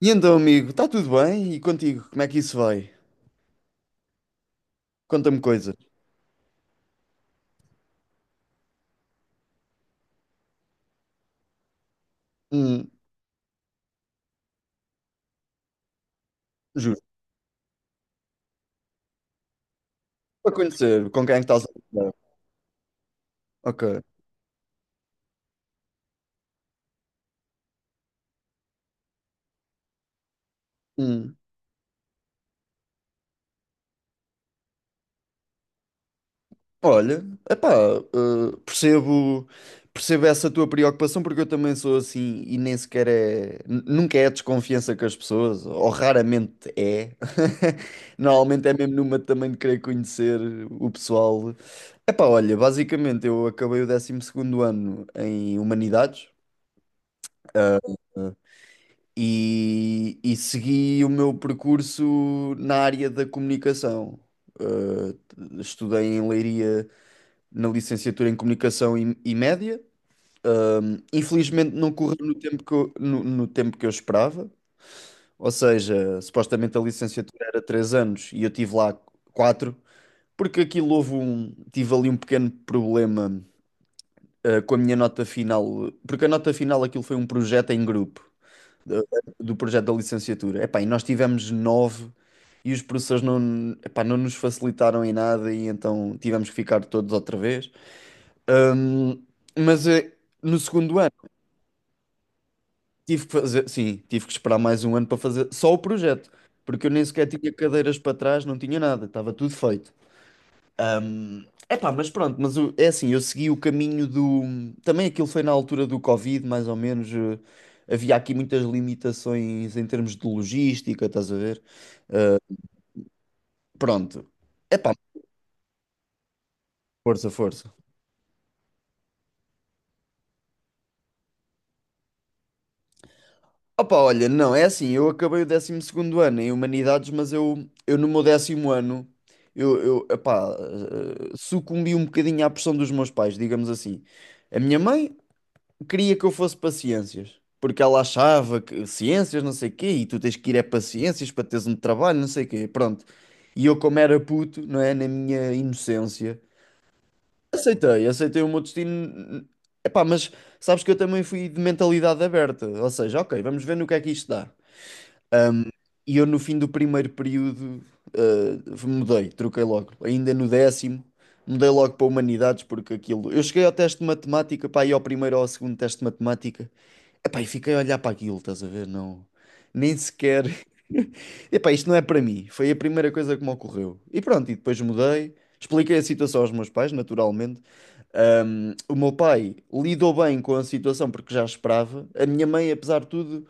E então, amigo, está tudo bem? E contigo, como é que isso vai? Conta-me coisas. Hum. Justo. Para conhecer com quem é que estás a trabalhar. Ok. Hum. Olha, epá, percebo essa tua preocupação porque eu também sou assim e nem sequer é, nunca é desconfiança com as pessoas, ou raramente é. Normalmente é mesmo numa também de querer conhecer o pessoal. Epá, olha, basicamente eu acabei o décimo segundo ano em Humanidades. eh, e segui o meu percurso na área da comunicação. Uh, Estudei em Leiria na licenciatura em Comunicação e Média. Infelizmente não correu no tempo que eu esperava, ou seja, supostamente a licenciatura era três anos e eu tive lá quatro porque aquilo tive ali um pequeno problema, com a minha nota final, porque a nota final aquilo foi um projeto em grupo do do projeto da licenciatura. Epá, e nós tivemos nove e os professores não, não nos facilitaram em nada e então tivemos que ficar todos outra vez. Ahm, mas no segundo ano tive que fazer, sim, tive que esperar mais um ano para fazer só o projeto, porque eu nem sequer tinha cadeiras para trás, não tinha nada, estava tudo feito. Ahm, Epá, mas pronto, mas é assim, eu segui o caminho do. Também aquilo foi na altura do Covid, mais ou menos. Havia aqui muitas limitações em termos de logística, estás a ver? Pronto. Epá, força, força. Opa, olha, não, é assim, eu acabei o décimo segundo ano em Humanidades, mas eu no meu décimo ano, eu sucumbi um bocadinho à pressão dos meus pais, digamos assim. A minha mãe queria que eu fosse para Ciências, porque ela achava que Ciências não sei quê, e tu tens que ir é para Ciências para teres um trabalho, não sei quê, pronto. E eu como era puto, não é, na minha inocência. Aceitei, aceitei o meu destino. Epá, mas sabes que eu também fui de mentalidade aberta. Ou seja, ok, vamos ver no que é que isto dá. E eu no fim do primeiro período eh, mudei, troquei logo. Ainda no décimo, mudei logo para Humanidades porque aquilo. Eu cheguei ao teste de matemática, pá, e ao primeiro ou ao segundo teste de matemática. Epá, e fiquei a olhar para aquilo, estás a ver? Não, nem sequer. Epá, isto não é para mim. Foi a primeira coisa que me ocorreu. E pronto, e depois mudei. Expliquei a situação aos meus pais, naturalmente. O meu pai lidou bem com a situação porque já esperava. A minha mãe, apesar de tudo,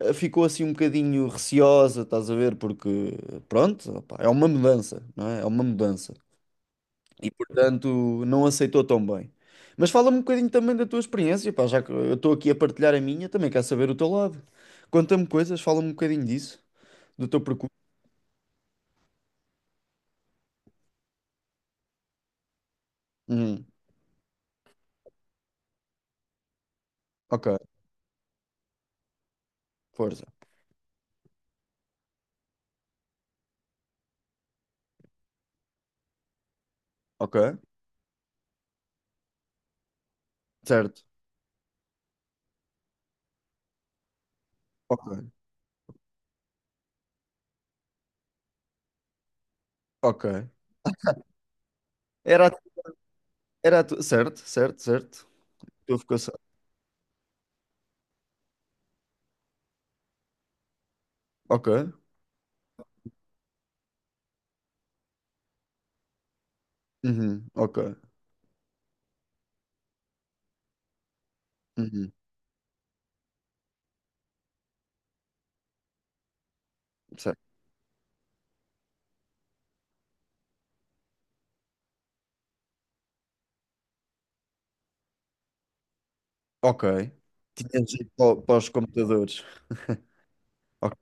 ficou assim um bocadinho receosa, estás a ver? Porque, pronto, opá, é uma mudança, não é? É uma mudança. E, portanto, não aceitou tão bem. Mas fala-me um bocadinho também da tua experiência, pá, já que eu estou aqui a partilhar a minha, também quero saber o teu lado. Conta-me coisas, fala-me um bocadinho disso, do teu percurso. Hum. Ok, força. Ok, certo. Ok, ok. Era, a- Certo, certo, certo. Tu ficou. Ok. Uhum. Ok. Uhum. Certo. Ok. Tinhas ido para os computadores. Ok.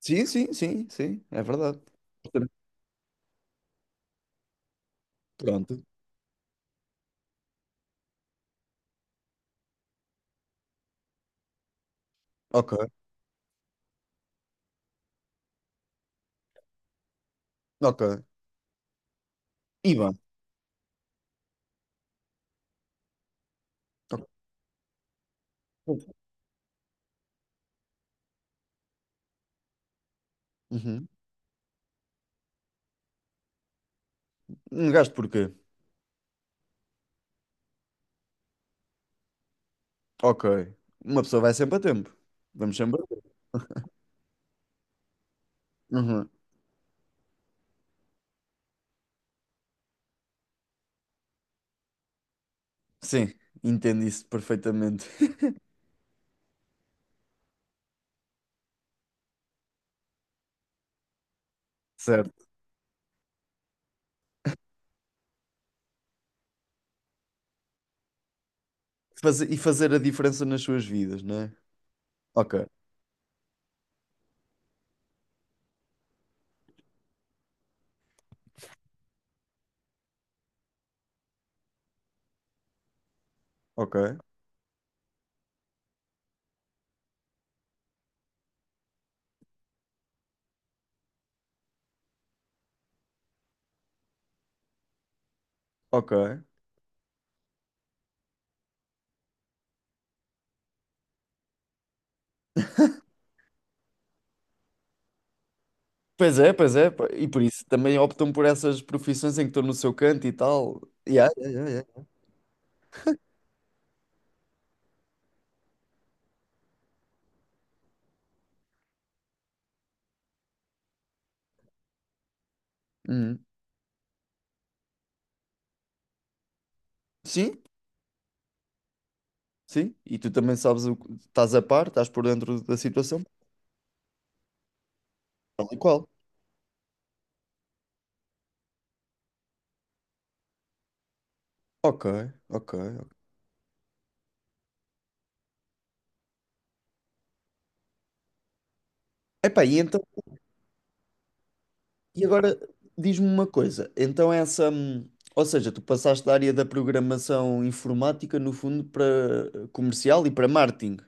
Sim, sim, sim, sim. É verdade. Portanto, pronto. Ok. Ok. E bem. Ok. Uhum. Um gasto porquê? Ok. Uma pessoa vai sempre a tempo. Vamos sempre a tempo. Uhum. Sim. Entendo isso perfeitamente. Certo. E fazer a diferença nas suas vidas, não é? Ok. Ok. Ok. Pois é, pá, e por isso também optam por essas profissões em que estão no seu canto e tal. Yeah, yeah, yeah, yeah. Uhum. Sim, sim, e tu também sabes o que estás a par, estás por dentro da situação, tal e qual. Ok, ok, ok. Epá, e então, e agora diz-me uma coisa, então essa, ou seja, tu passaste da área da programação informática, no fundo, para comercial e para marketing.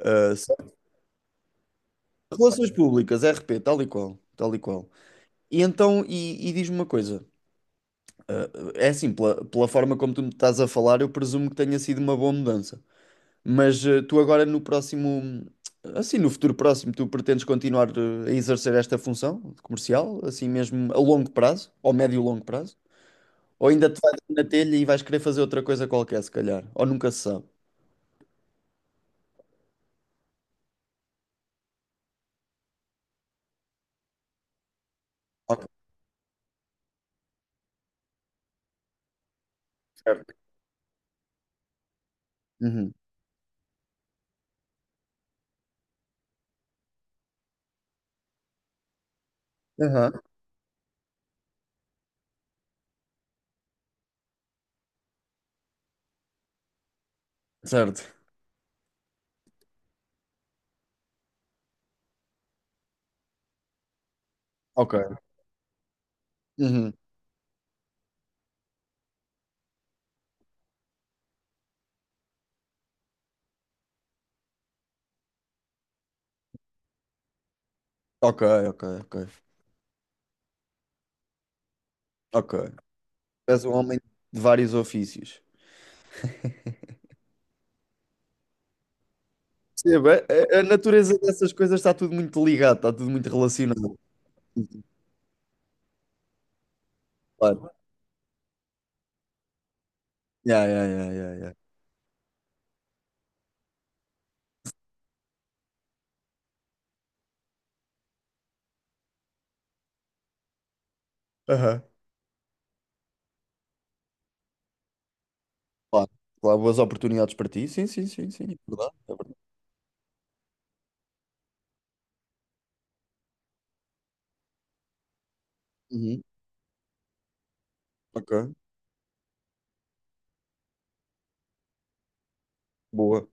Ah, certo? Relações públicas, RP, tal e qual, tal e qual. E então, e diz-me uma coisa. Ah, é assim, pela forma como tu me estás a falar, eu presumo que tenha sido uma boa mudança. Mas tu agora no próximo, assim, no futuro próximo, tu pretendes continuar a exercer esta função de comercial, assim mesmo a longo prazo, ou médio e longo prazo? Ou ainda te vais na telha e vais querer fazer outra coisa qualquer, se calhar? Ou nunca se sabe? Ok, certo. Uhum. Aham. Certo. Ok. Uhum. Ok, ok, ok. Ok. És um homem de vários ofícios. Percebo, a natureza dessas coisas está tudo muito ligado, está tudo muito relacionado. Claro. Yeah, yeah, yeah, yeah, yeah. Aham. Claro, claro, boas oportunidades para ti. Sim, sim, sim, sim, é verdade, é verdade. Uhum. Ok, boa.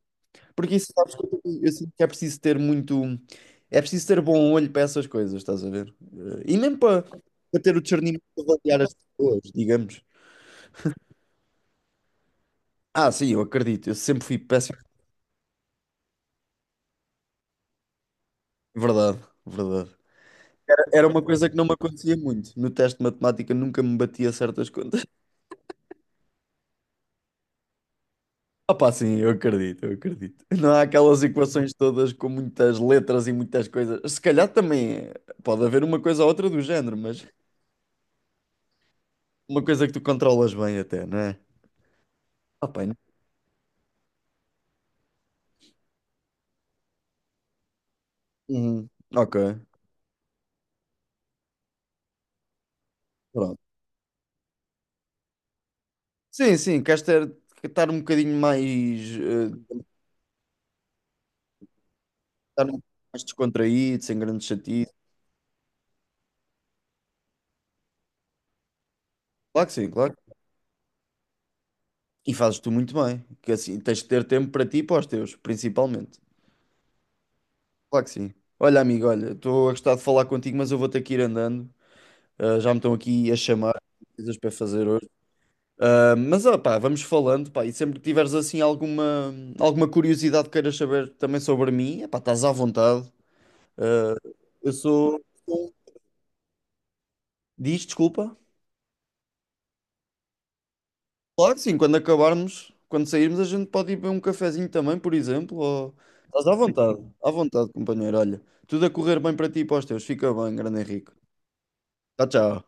Porque isso, sabes, que eu sinto que é preciso ter muito. É preciso ter bom olho para essas coisas, estás a ver? E mesmo para ter o discernimento de avaliar as pessoas, digamos. Ah, sim, eu acredito, eu sempre fui péssimo. É verdade, é verdade. Era uma coisa que não me acontecia muito. No teste de matemática nunca me batia certas contas. Opa, sim, eu acredito, eu acredito. Não há aquelas equações todas com muitas letras e muitas coisas. Se calhar também é. Pode haver uma coisa ou outra do género, mas uma coisa que tu controlas bem até, não é? Opa, não- Uhum. Ok, pronto. Sim, sim, queres ter, estar um bocadinho mais, eh, estar um bocadinho mais descontraído, sem grandes chatices. Claro que sim, claro. E fazes tu muito bem, que assim tens de ter tempo para ti e para os teus, principalmente. Claro que sim. Olha, amigo, olha, estou a gostar de falar contigo, mas eu vou ter que ir andando. Ah, já me estão aqui a chamar, tenho coisas para fazer hoje. Ah, mas, ó, pá, vamos falando, pá, e sempre que tiveres assim alguma curiosidade que queiras saber também sobre mim, é pá, estás à vontade. Ah, eu sou. Diz, desculpa. Claro que sim, quando acabarmos, quando sairmos, a gente pode ir beber um cafezinho também, por exemplo. Ou. Estás à vontade, companheiro. Olha, tudo a correr bem para ti e para os teus. Fica bem, grande Henrique. Tchau, tchau.